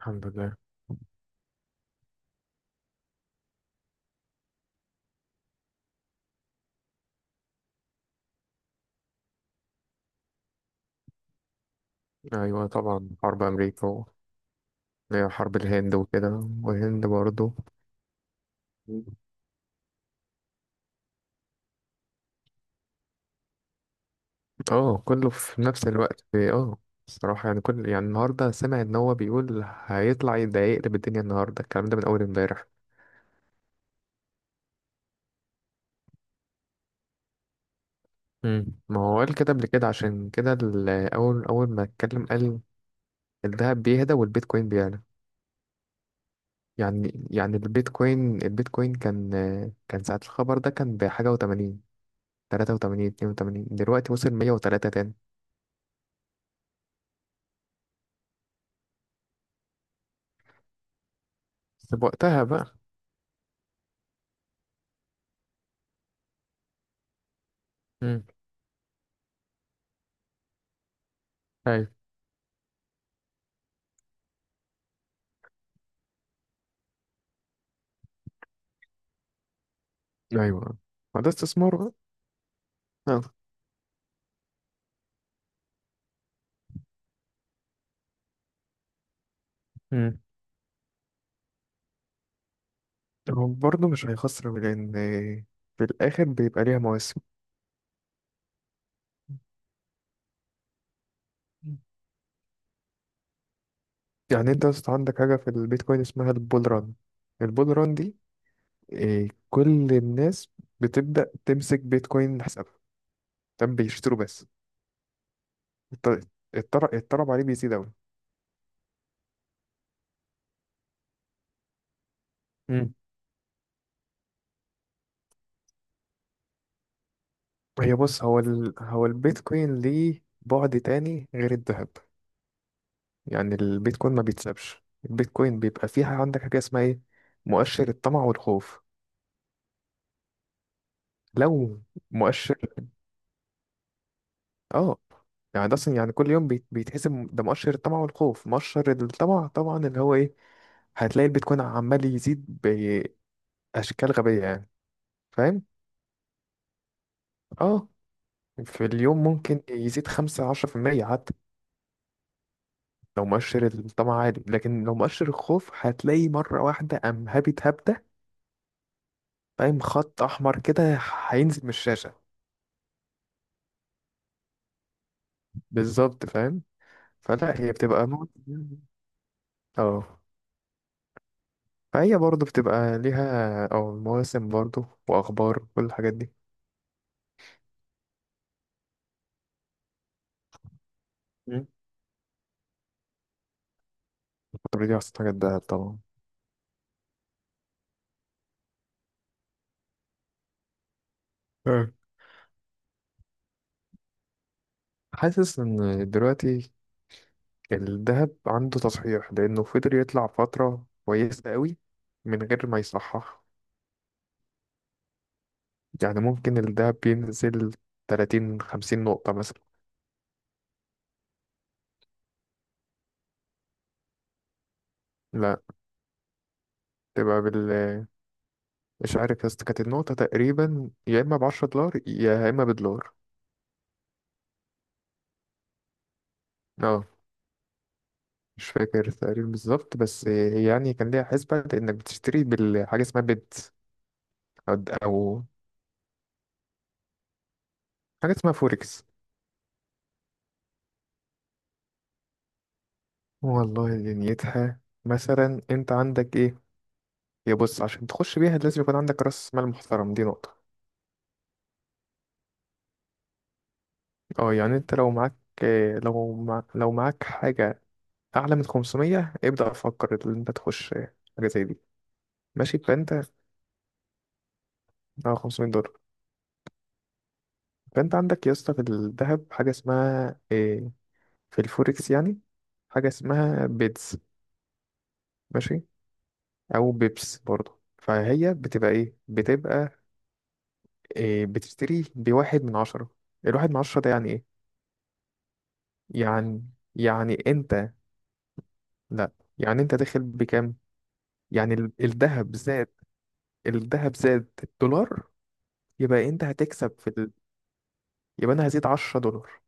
الحمد لله. أيوة، طبعا حرب أمريكا اللي هي حرب الهند وكده، والهند برضه. اه كله في نفس الوقت الصراحة. يعني يعني النهاردة سمع إن هو بيقول هيطلع ده يقلب الدنيا، النهاردة الكلام ده من أول امبارح. مم. ما هو قال كده قبل كده، عشان كده أول ما اتكلم قال الذهب بيهدى والبيتكوين بيعلى. يعني البيتكوين كان ساعة الخبر ده كان بحاجة وتمانين، 83، 82، دلوقتي وصل 103 تاني. بس بوقتها بقى. امم. ايوه، ايوه، ما ده استثمار بقى. آه. امم. هو برضه مش هيخسر، لان في الاخر بيبقى ليها مواسم. يعني انت اصلا عندك حاجه في البيتكوين اسمها البول ران. البول ران دي كل الناس بتبدا تمسك بيتكوين، حسابها تم بيشتروا بس. الط- الطلب عليه بيزيد قوي. امم. هي بص، هو البيتكوين ليه بعد تاني غير الذهب. يعني البيتكوين ما بيتسابش، البيتكوين بيبقى فيها عندك حاجة اسمها ايه؟ مؤشر الطمع والخوف. لو مؤشر اه يعني ده اصلا، يعني كل يوم بيتحسب، ده مؤشر الطمع والخوف. مؤشر الطمع طبعا اللي هو ايه؟ هتلاقي البيتكوين عمال يزيد بأشكال غبية يعني. فاهم. اه في اليوم ممكن يزيد 15% حتى لو مؤشر الطمع عالي. لكن لو مؤشر الخوف، هتلاقي مرة واحدة قام هابت هبدة. فاهم؟ خط أحمر كده هينزل من الشاشة. بالظبط، فاهم. فلا، هي بتبقى موسم. اه فهي برضه بتبقى ليها او مواسم، برضه واخبار، كل الحاجات دي. مم. الفترة دي احسن حاجة الدهب طبعا. اه حاسس ان دلوقتي الدهب عنده تصحيح، لانه فضل يطلع فترة كويسة قوي من غير ما يصحح. يعني ممكن الدهب بينزل 30 50 نقطة مثلا. لا، تبقى بال مش عارف يا اسطى، كانت النقطة تقريبا يا اما ب $10 يا اما بدولار. اه مش فاكر تقريبا بالظبط، بس يعني كان ليها حسبة إنك بتشتري بالحاجة اسمها بت أو أو حاجة اسمها فوركس. والله دنيتها مثلا أنت عندك إيه؟ يا بص، عشان تخش بيها لازم يكون عندك رأس مال محترم، دي نقطة. اه يعني أنت لو معاك، لو معاك حاجة أعلى من 500 ابدأ فكر إن أنت تخش حاجة زي دي. ماشي فأنت، اه $500. فأنت عندك يا اسطى في الذهب حاجة اسمها إيه؟ في الفوركس يعني، حاجة اسمها بيتز. ماشي. او بيبس، برضه فهي بتبقى ايه بتبقى إيه بتشتري بواحد من عشرة. الواحد من عشرة ده يعني ايه؟ يعني يعني انت، لا، يعني انت داخل بكام؟ يعني الذهب زاد، الذهب زاد الدولار، يبقى انت هتكسب يبقى انا هزيد $10.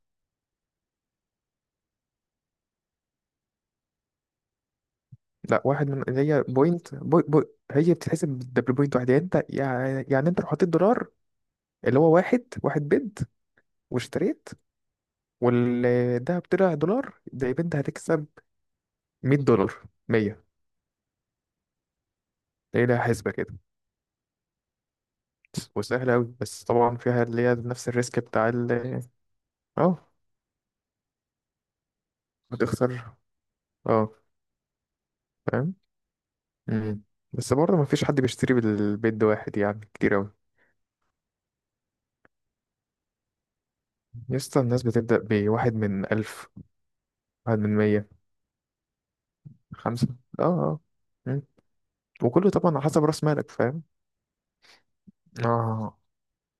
لا، واحد من، هي هي بتتحسب بالدبل بوينت واحد. يعني انت، يعني انت لو حطيت دولار، اللي هو واحد واحد بيد، واشتريت والذهب طلع دولار، ده يبقى انت هتكسب $100. 100. تلاقي لها حسبة كده، وسهلة أوي. بس طبعا فيها اللي هي نفس الريسك بتاع ال اه هتخسر. اه، فاهم. مم. بس برضه مفيش حد بيشتري بالبيت ده واحد، يعني كتير أوي. يسطا الناس بتبدأ بواحد من ألف، واحد من مية، خمسة. اه، اه. مم. وكله طبعا على حسب رأس مالك، فاهم. اه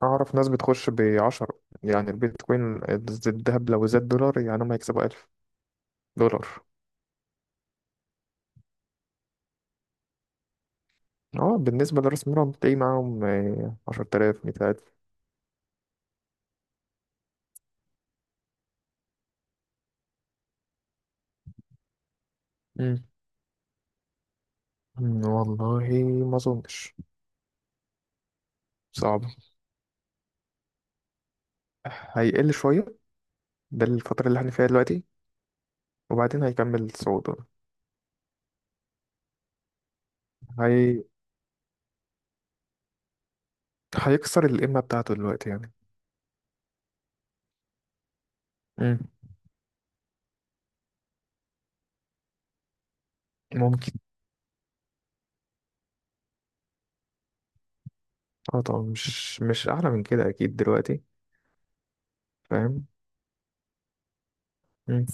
أعرف ناس بتخش بـ10، يعني البيتكوين، الذهب لو زاد دولار يعني هم هيكسبوا $1000. اه بالنسبة لرأس المال تلاقي معاهم 10,000، 100,000. مم. والله ما أظنش. صعب. هيقل شوية، ده الفترة اللي احنا فيها دلوقتي، وبعدين هيكمل صعوده. هي... هيكسر القمة بتاعته دلوقتي يعني. مم. ممكن. اه طبعا مش أعلى من كده أكيد دلوقتي. فاهم. مم.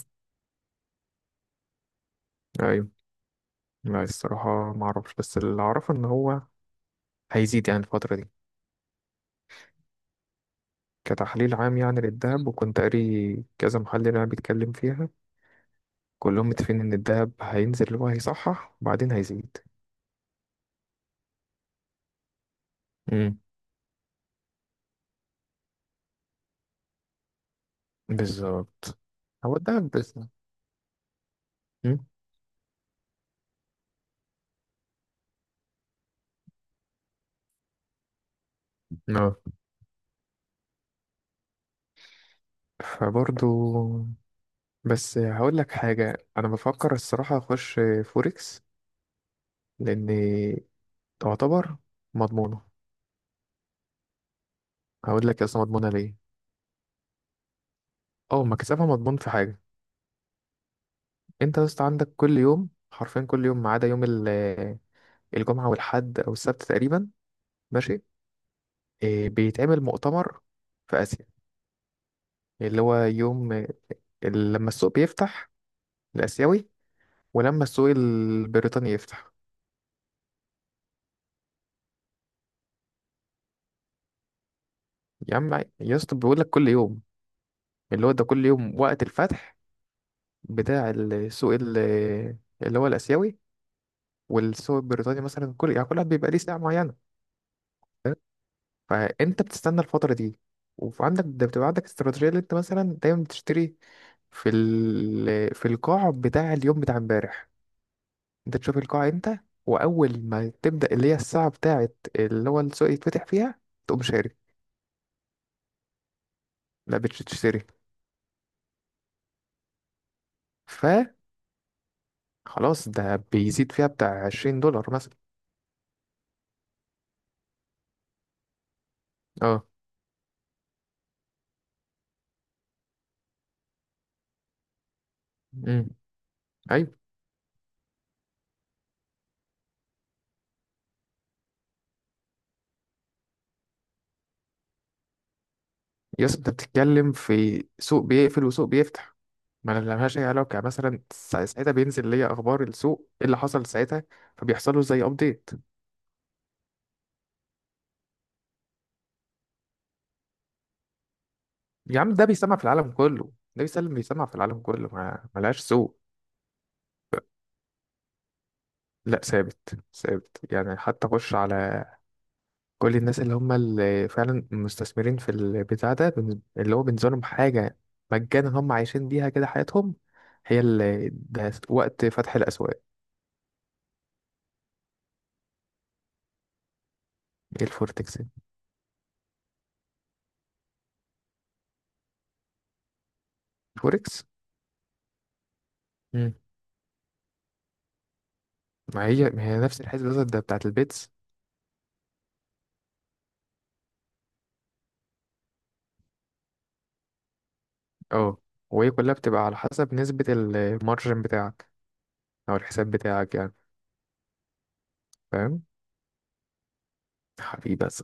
أيوه. لا، الصراحة ما أعرفش، بس اللي أعرفه إن هو هيزيد يعني الفترة دي. كتحليل عام يعني للذهب، وكنت قاري كذا محلل يعني بيتكلم فيها، كلهم متفقين ان الدهب هينزل، اللي هو هيصحح وبعدين هيزيد. امم. بالظبط. هو الدهب بس. امم. اه فبرضو، بس هقول لك حاجة، انا بفكر الصراحة اخش فوركس. لان تعتبر مضمونة. هقول لك اصلا مضمونة ليه، او مكسبها مضمون في حاجة. انت يا اسطى عندك كل يوم، حرفيا كل يوم ما عدا يوم الجمعة والحد او السبت تقريبا. ماشي. بيتعمل مؤتمر في اسيا، اللي هو يوم لما السوق بيفتح، الآسيوي. ولما السوق البريطاني يفتح. يا عم، يا اسطى بيقول لك كل يوم، اللي هو ده كل يوم وقت الفتح، بتاع السوق اللي هو الآسيوي. والسوق البريطاني مثلا، كل، يعني كل واحد بيبقى ليه ساعة معينة. فاهم؟ فأنت بتستنى الفترة دي، وعندك ده بتبقى عندك استراتيجية اللي أنت مثلا دايما بتشتري في القاع بتاع اليوم، بتاع امبارح. أنت تشوف القاع أنت، وأول ما تبدأ، اللي هي الساعة بتاعت اللي هو السوق يتفتح فيها، تقوم شاري. لا، بتشتري. ف خلاص، ده بيزيد فيها بتاع $20 مثلا. اه. امم. ايوه. يا اسطى انت بتتكلم في سوق بيقفل وسوق بيفتح، ما لهاش اي علاقه. يعني مثلا ساعتها بينزل ليا اخبار السوق، ايه اللي حصل ساعتها، فبيحصل له زي ابديت. يا عم، ده بيسمع في العالم كله. ده بيسمع في العالم كله، ما ملهاش سوق. لا، ثابت ثابت يعني. حتى خش على كل الناس اللي هم اللي فعلا مستثمرين في البتاع ده اللي هو بالنسبة لهم حاجة مجانا، هم عايشين بيها كده حياتهم. هي اللي ده وقت فتح الأسواق. ايه الفوركس؟ الفوركس. مم. ما هي نفس الحسبة بالظبط، ده بتاعة البيتس. اه وهي كلها بتبقى على حسب نسبة المارجن بتاعك، أو الحساب بتاعك يعني. فاهم. حبيبي بس.